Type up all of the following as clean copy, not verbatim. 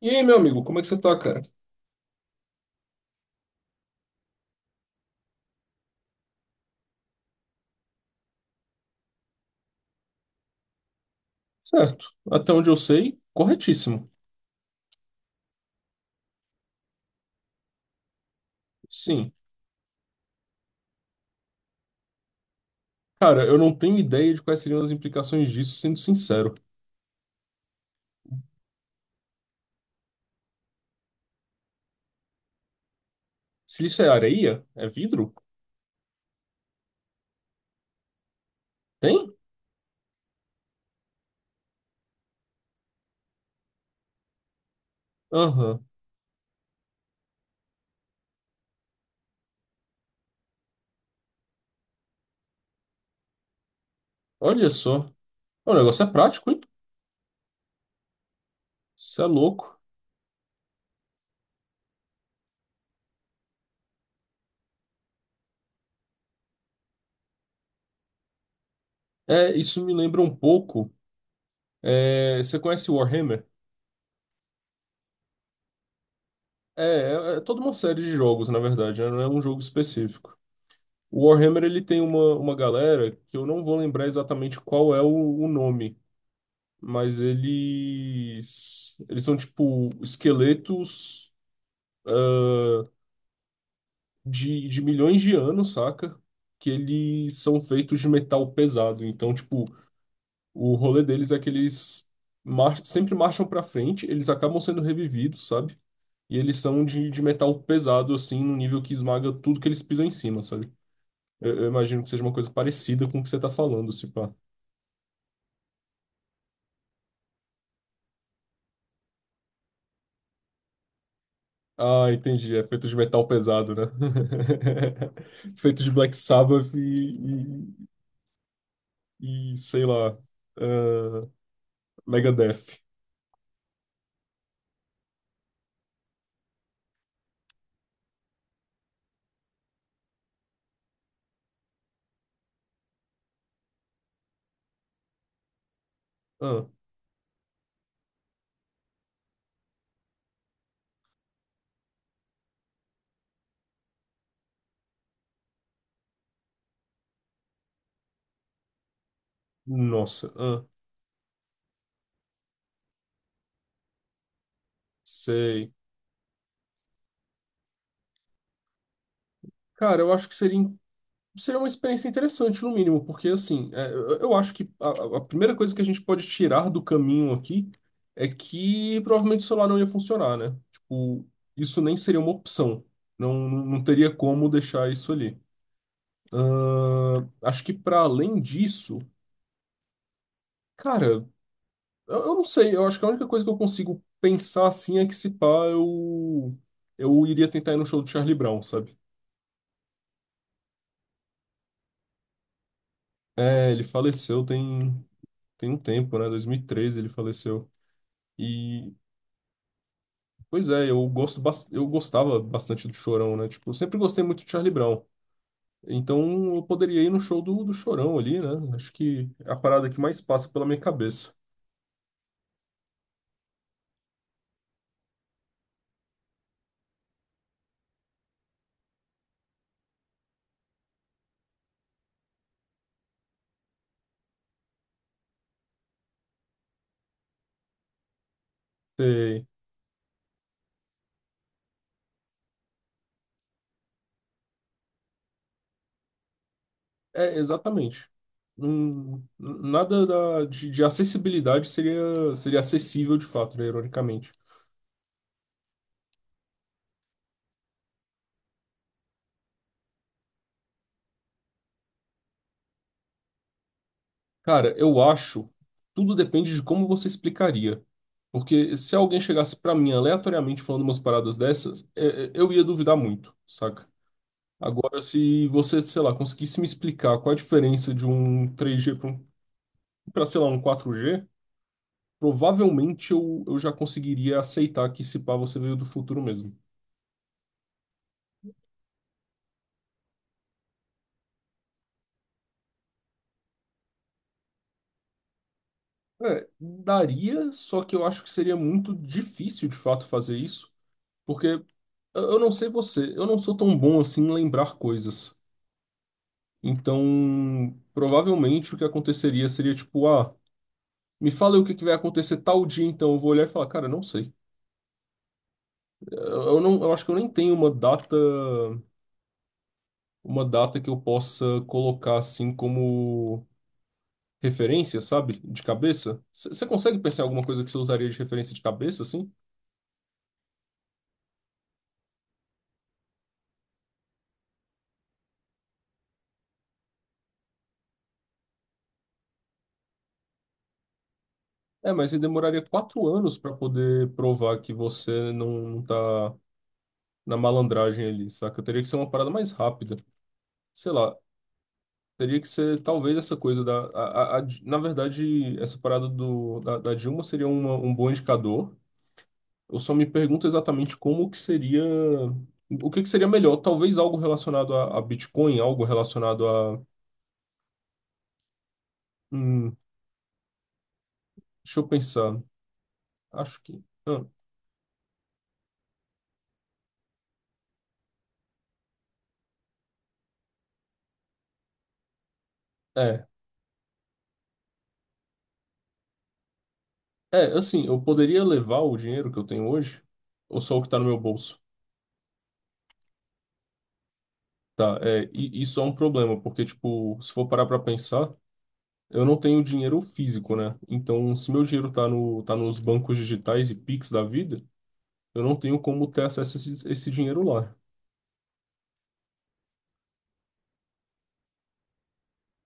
E aí, meu amigo, como é que você tá, cara? Certo. Até onde eu sei, corretíssimo. Sim. Cara, eu não tenho ideia de quais seriam as implicações disso, sendo sincero. Se isso é areia? É vidro? Tem? Aham. Olha só. O negócio é prático, hein? Isso é louco. É, isso me lembra um pouco. Você conhece Warhammer? É, é, toda uma série de jogos, na verdade, né? Não é um jogo específico. O Warhammer, ele tem uma galera que eu não vou lembrar exatamente qual é o nome, mas eles são tipo esqueletos de milhões de anos, saca? Que eles são feitos de metal pesado. Então, tipo, o rolê deles é que eles mar sempre marcham pra frente, eles acabam sendo revividos, sabe? E eles são de metal pesado, assim, no nível que esmaga tudo que eles pisam em cima, sabe? Eu imagino que seja uma coisa parecida com o que você tá falando, se pá. Ah, entendi. É feito de metal pesado, né? Feito de Black Sabbath e sei lá, ah, Megadeth. Ah, nossa, sei. Cara, eu acho que seria, seria uma experiência interessante, no mínimo, porque assim, eu acho que a primeira coisa que a gente pode tirar do caminho aqui é que provavelmente o celular não ia funcionar, né? Tipo, isso nem seria uma opção. Não, não teria como deixar isso ali. Ah, acho que para além disso, cara. Eu não sei, eu acho que a única coisa que eu consigo pensar assim é que se pá, eu iria tentar ir no show do Charlie Brown, sabe? É, ele faleceu tem um tempo, né? 2013 ele faleceu. E, pois é, eu gosto, eu gostava bastante do Chorão, né? Tipo, eu sempre gostei muito do Charlie Brown. Então eu poderia ir no show do, do Chorão ali, né? Acho que é a parada que mais passa pela minha cabeça. Você é, exatamente. Nada de acessibilidade seria, seria acessível de fato, né, ironicamente. Cara, eu acho, tudo depende de como você explicaria. Porque se alguém chegasse pra mim aleatoriamente falando umas paradas dessas, eu ia duvidar muito, saca? Agora, se você, sei lá, conseguisse me explicar qual a diferença de um 3G para um, pra, sei lá, um 4G, provavelmente eu já conseguiria aceitar que se pá você veio do futuro mesmo. É, daria, só que eu acho que seria muito difícil de fato fazer isso, porque eu não sei você, eu não sou tão bom assim em lembrar coisas. Então, provavelmente o que aconteceria seria tipo, ah, me fala aí o que que vai acontecer tal dia, então eu vou olhar e falar, cara, não sei. Eu não, eu acho que eu nem tenho uma data que eu possa colocar assim como referência, sabe? De cabeça. Você consegue pensar em alguma coisa que você usaria de referência de cabeça, assim? É, mas você demoraria 4 anos pra poder provar que você não tá na malandragem ali, saca? Teria que ser uma parada mais rápida. Sei lá, teria que ser talvez essa coisa da. Na verdade, essa parada do, da, da Dilma seria um bom indicador. Eu só me pergunto exatamente como que seria. O que que seria melhor? Talvez algo relacionado a Bitcoin, algo relacionado a. hum, Deixa eu pensar. Acho que. É. É, assim, eu poderia levar o dinheiro que eu tenho hoje, ou só o que tá no meu bolso, tá? É, e isso é um problema, porque, tipo, se for parar pra pensar, eu não tenho dinheiro físico, né? Então, se meu dinheiro tá no, tá nos bancos digitais e Pix da vida, eu não tenho como ter acesso a esse, esse dinheiro lá.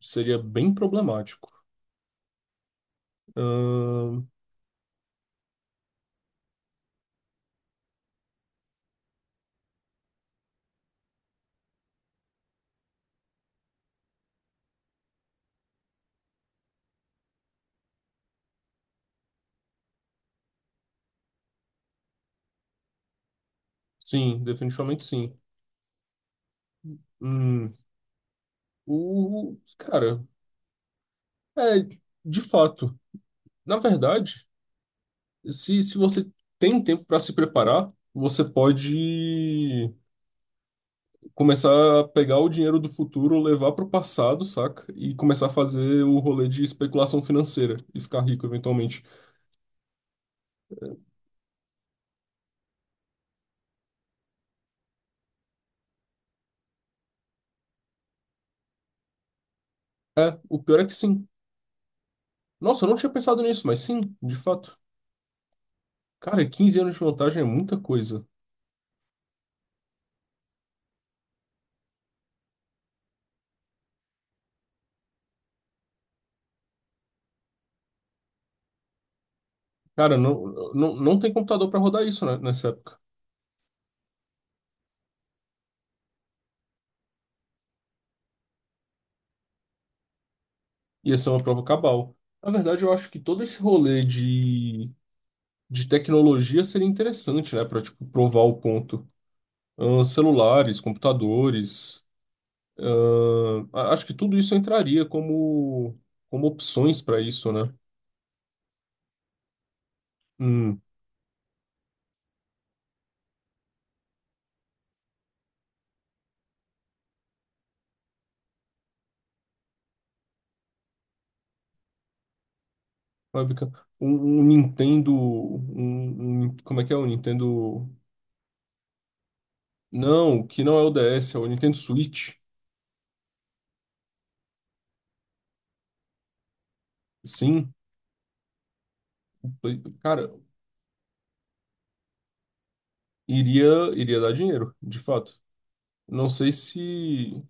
Seria bem problemático. Ahn, sim, definitivamente sim. Hum, Cara, é, de fato, na verdade. Se você tem um tempo para se preparar, você pode começar a pegar o dinheiro do futuro, levar para o passado, saca? E começar a fazer o rolê de especulação financeira e ficar rico eventualmente. É, o pior é que sim. Nossa, eu não tinha pensado nisso, mas sim, de fato. Cara, 15 anos de vantagem é muita coisa. Cara, não, não, não tem computador para rodar isso, né, nessa época. Ia ser uma prova cabal. Na verdade, eu acho que todo esse rolê de tecnologia seria interessante, né, para tipo, provar o ponto. Celulares, computadores. Acho que tudo isso entraria como, como opções para isso, né? Hum, fábrica- um, Um Nintendo. Como é que é? O Nintendo. Não, que não é o DS, é o Nintendo Switch. Sim, cara, iria, iria dar dinheiro, de fato. Não sei se.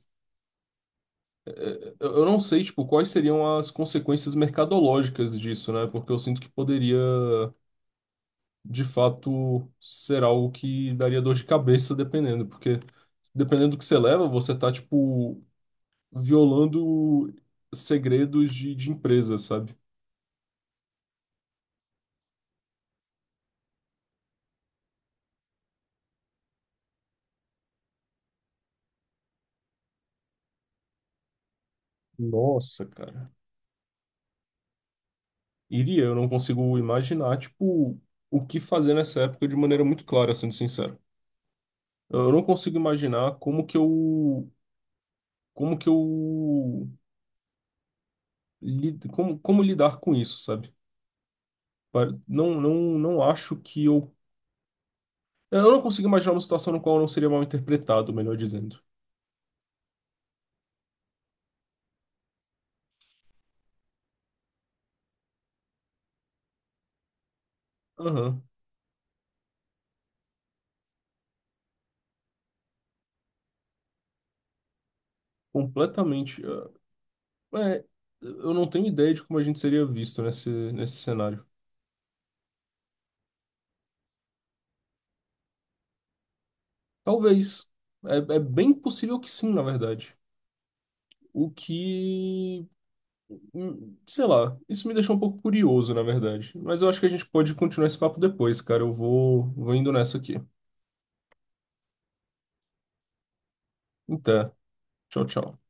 Eu não sei, tipo, quais seriam as consequências mercadológicas disso, né? Porque eu sinto que poderia. De fato ser algo que daria dor de cabeça dependendo, porque dependendo do que você leva, você tá, tipo, violando segredos de empresa, sabe? Nossa, cara. Iria, eu não consigo imaginar, tipo, o que fazer nessa época de maneira muito clara, sendo sincero. Eu não consigo imaginar como que eu, como que eu, como, como lidar com isso, sabe? Não, não, não acho que eu. Eu não consigo imaginar uma situação no qual eu não seria mal interpretado, melhor dizendo. Aham, completamente. É, é, eu não tenho ideia de como a gente seria visto nesse, nesse cenário. Talvez. É, é bem possível que sim, na verdade. O que. Sei lá, isso me deixou um pouco curioso, na verdade. Mas eu acho que a gente pode continuar esse papo depois, cara. Eu vou, vou indo nessa aqui. Então, tchau, tchau.